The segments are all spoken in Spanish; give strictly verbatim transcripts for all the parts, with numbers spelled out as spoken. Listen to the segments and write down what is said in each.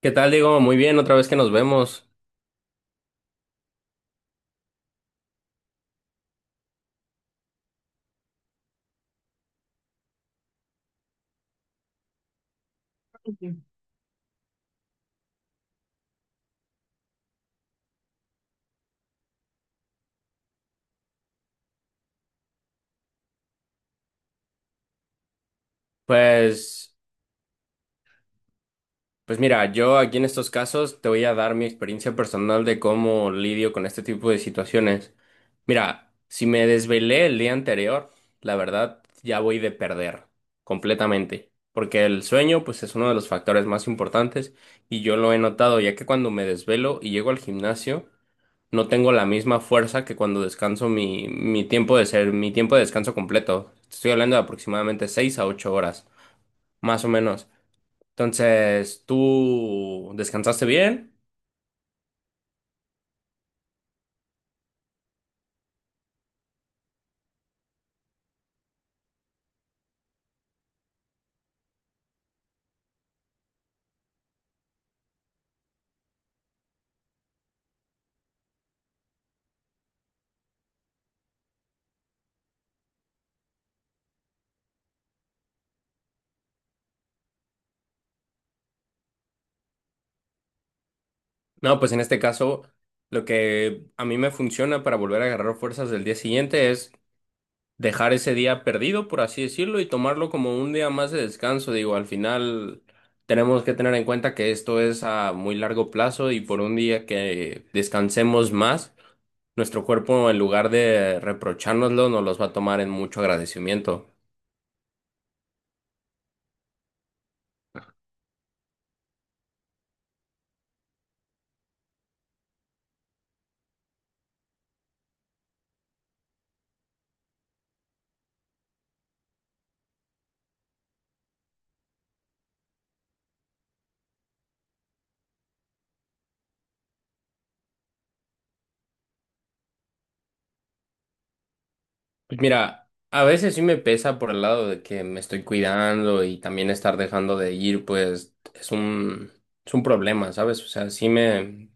¿Qué tal, Diego? Muy bien, otra vez que nos vemos. Ujú. Pues, pues mira, yo aquí en estos casos te voy a dar mi experiencia personal de cómo lidio con este tipo de situaciones. Mira, si me desvelé el día anterior, la verdad ya voy de perder completamente, porque el sueño pues es uno de los factores más importantes y yo lo he notado, ya que cuando me desvelo y llego al gimnasio no tengo la misma fuerza que cuando descanso mi, mi tiempo de ser, mi tiempo de descanso completo. Estoy hablando de aproximadamente seis a ocho horas, más o menos. Entonces, ¿tú descansaste bien? No, pues en este caso, lo que a mí me funciona para volver a agarrar fuerzas del día siguiente es dejar ese día perdido, por así decirlo, y tomarlo como un día más de descanso. Digo, al final tenemos que tener en cuenta que esto es a muy largo plazo y por un día que descansemos más, nuestro cuerpo en lugar de reprochárnoslo, nos los va a tomar en mucho agradecimiento. Pues mira, a veces sí me pesa por el lado de que me estoy cuidando y también estar dejando de ir, pues es un, es un problema, ¿sabes? O sea, sí me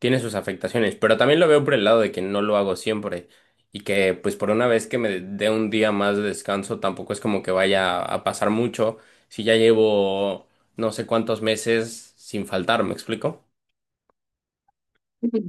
tiene sus afectaciones, pero también lo veo por el lado de que no lo hago siempre y que pues por una vez que me dé un día más de descanso tampoco es como que vaya a pasar mucho si ya llevo no sé cuántos meses sin faltar, ¿me explico? Ujú.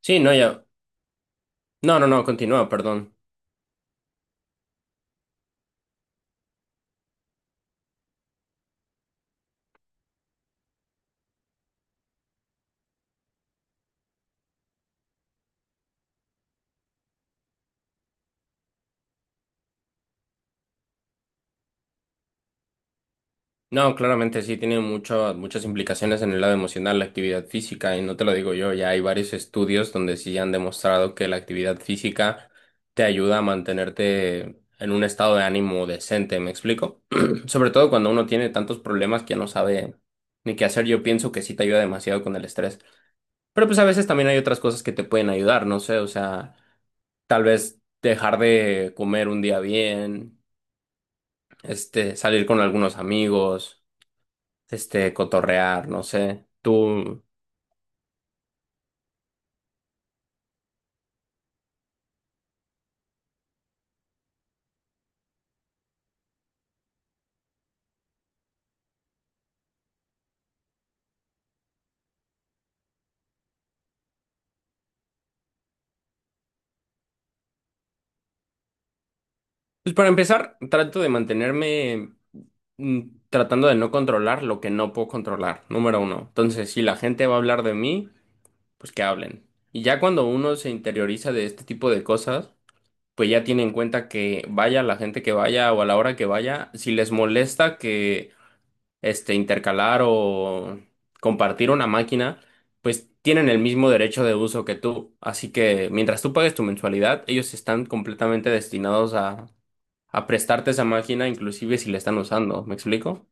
Sí, no, ya. No, no, no, continúa, perdón. No, claramente sí, tiene mucho- muchas implicaciones en el lado emocional la actividad física, y no te lo digo yo, ya hay varios estudios donde sí han demostrado que la actividad física te ayuda a mantenerte en un estado de ánimo decente, ¿me explico? Sobre todo cuando uno tiene tantos problemas que ya no sabe ni qué hacer, yo pienso que sí te ayuda demasiado con el estrés. Pero pues a veces también hay otras cosas que te pueden ayudar, no sé, o sea, tal vez dejar de comer un día bien, este, salir con algunos amigos este, cotorrear, no sé. Tú, pues para empezar, trato de mantenerme mm, tratando de no controlar lo que no puedo controlar, número uno. Entonces, si la gente va a hablar de mí, pues que hablen. Y ya cuando uno se interioriza de este tipo de cosas, pues ya tiene en cuenta que vaya la gente que vaya o a la hora que vaya, si les molesta que este, intercalar o compartir una máquina, pues tienen el mismo derecho de uso que tú. Así que mientras tú pagues tu mensualidad, ellos están completamente destinados a, a prestarte esa máquina, inclusive si la están usando. ¿Me explico?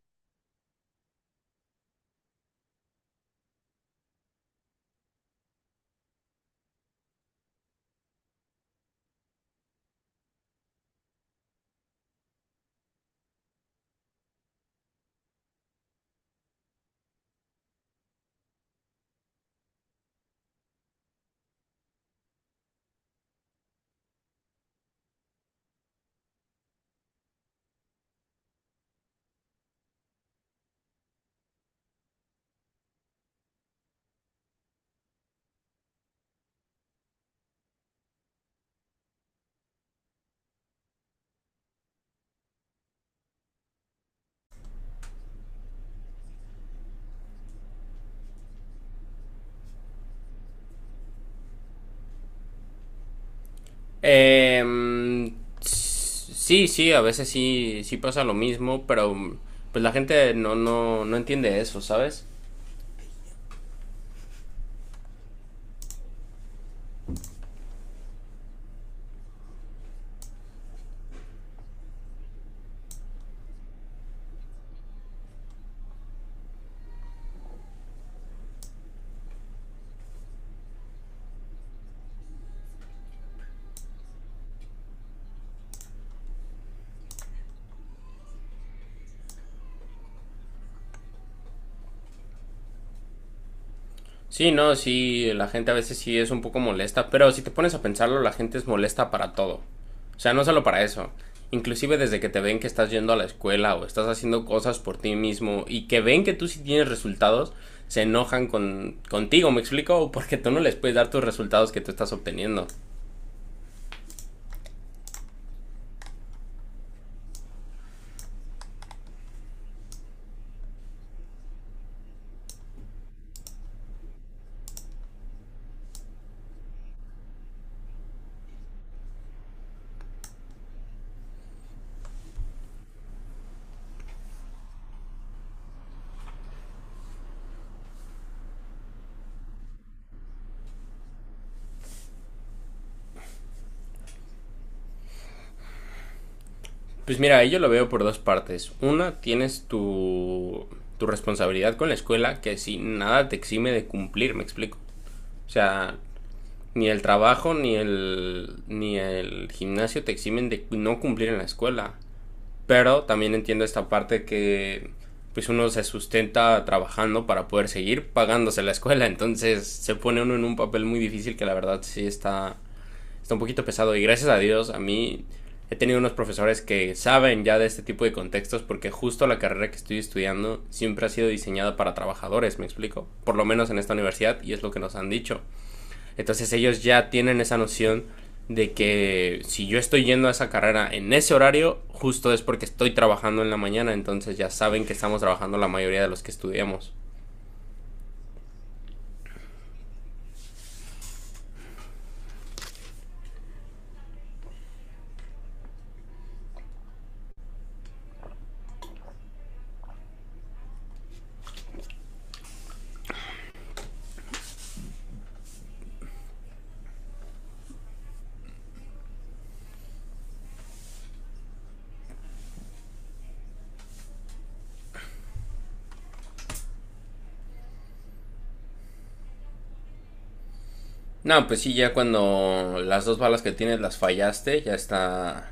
Em, s- sí, sí, a veces sí, sí pasa lo mismo, pero pues la gente no, no, no entiende eso, ¿sabes? Sí, no, sí, la gente a veces sí es un poco molesta, pero si te pones a pensarlo, la gente es molesta para todo. O sea, no solo para eso. Inclusive desde que te ven que estás yendo a la escuela o estás haciendo cosas por ti mismo y que ven que tú sí tienes resultados, se enojan con, contigo, ¿me explico? Porque tú no les puedes dar tus resultados que tú estás obteniendo. Pues mira, yo lo veo por dos partes. Una, tienes tu, tu responsabilidad con la escuela que si nada te exime de cumplir, ¿me explico? O sea, ni el trabajo ni el ni el gimnasio te eximen de no cumplir en la escuela. Pero también entiendo esta parte que pues uno se sustenta trabajando para poder seguir pagándose la escuela, entonces se pone uno en un papel muy difícil que la verdad sí está está un poquito pesado y gracias a Dios a mí he tenido unos profesores que saben ya de este tipo de contextos porque justo la carrera que estoy estudiando siempre ha sido diseñada para trabajadores, me explico, por lo menos en esta universidad y es lo que nos han dicho. Entonces ellos ya tienen esa noción de que si yo estoy yendo a esa carrera en ese horario, justo es porque estoy trabajando en la mañana, entonces ya saben que estamos trabajando la mayoría de los que estudiamos. No, pues sí, ya cuando las dos balas que tienes las fallaste, ya está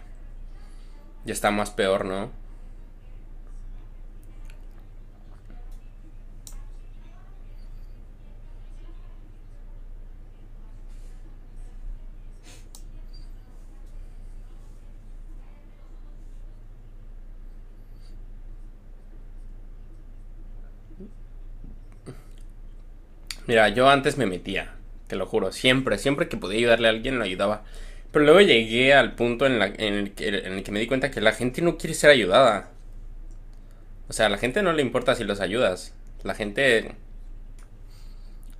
ya está más peor, ¿no? Mira, yo antes me metía, te lo juro, siempre, siempre que podía ayudarle a alguien lo ayudaba. Pero luego llegué al punto en, la, en, el, que, en el que me di cuenta que la gente no quiere ser ayudada. O sea, a la gente no le importa si los ayudas. La gente.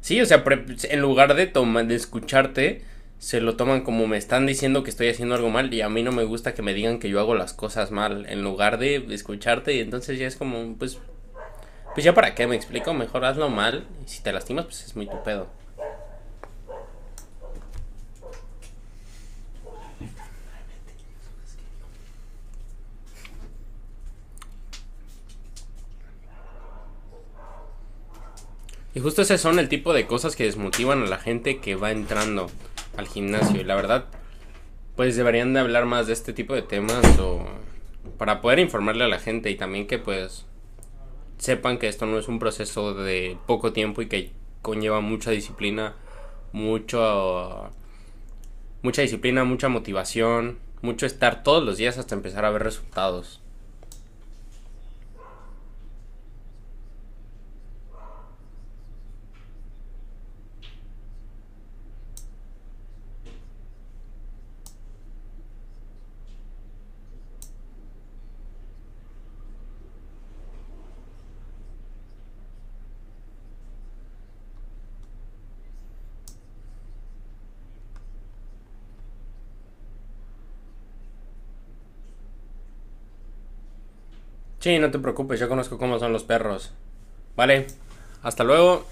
Sí, o sea, en lugar de, toma- de escucharte, se lo toman como me están diciendo que estoy haciendo algo mal y a mí no me gusta que me digan que yo hago las cosas mal, en lugar de escucharte y entonces ya es como, pues, pues ya para qué, me explico, mejor hazlo mal y si te lastimas, pues es muy tu pedo. Y justo ese son el tipo de cosas que desmotivan a la gente que va entrando al gimnasio y la verdad, pues deberían de hablar más de este tipo de temas o para poder informarle a la gente y también que pues sepan que esto no es un proceso de poco tiempo y que conlleva mucha disciplina, mucho, mucha disciplina, mucha motivación, mucho estar todos los días hasta empezar a ver resultados. Sí, no te preocupes, yo conozco cómo son los perros. Vale, hasta luego.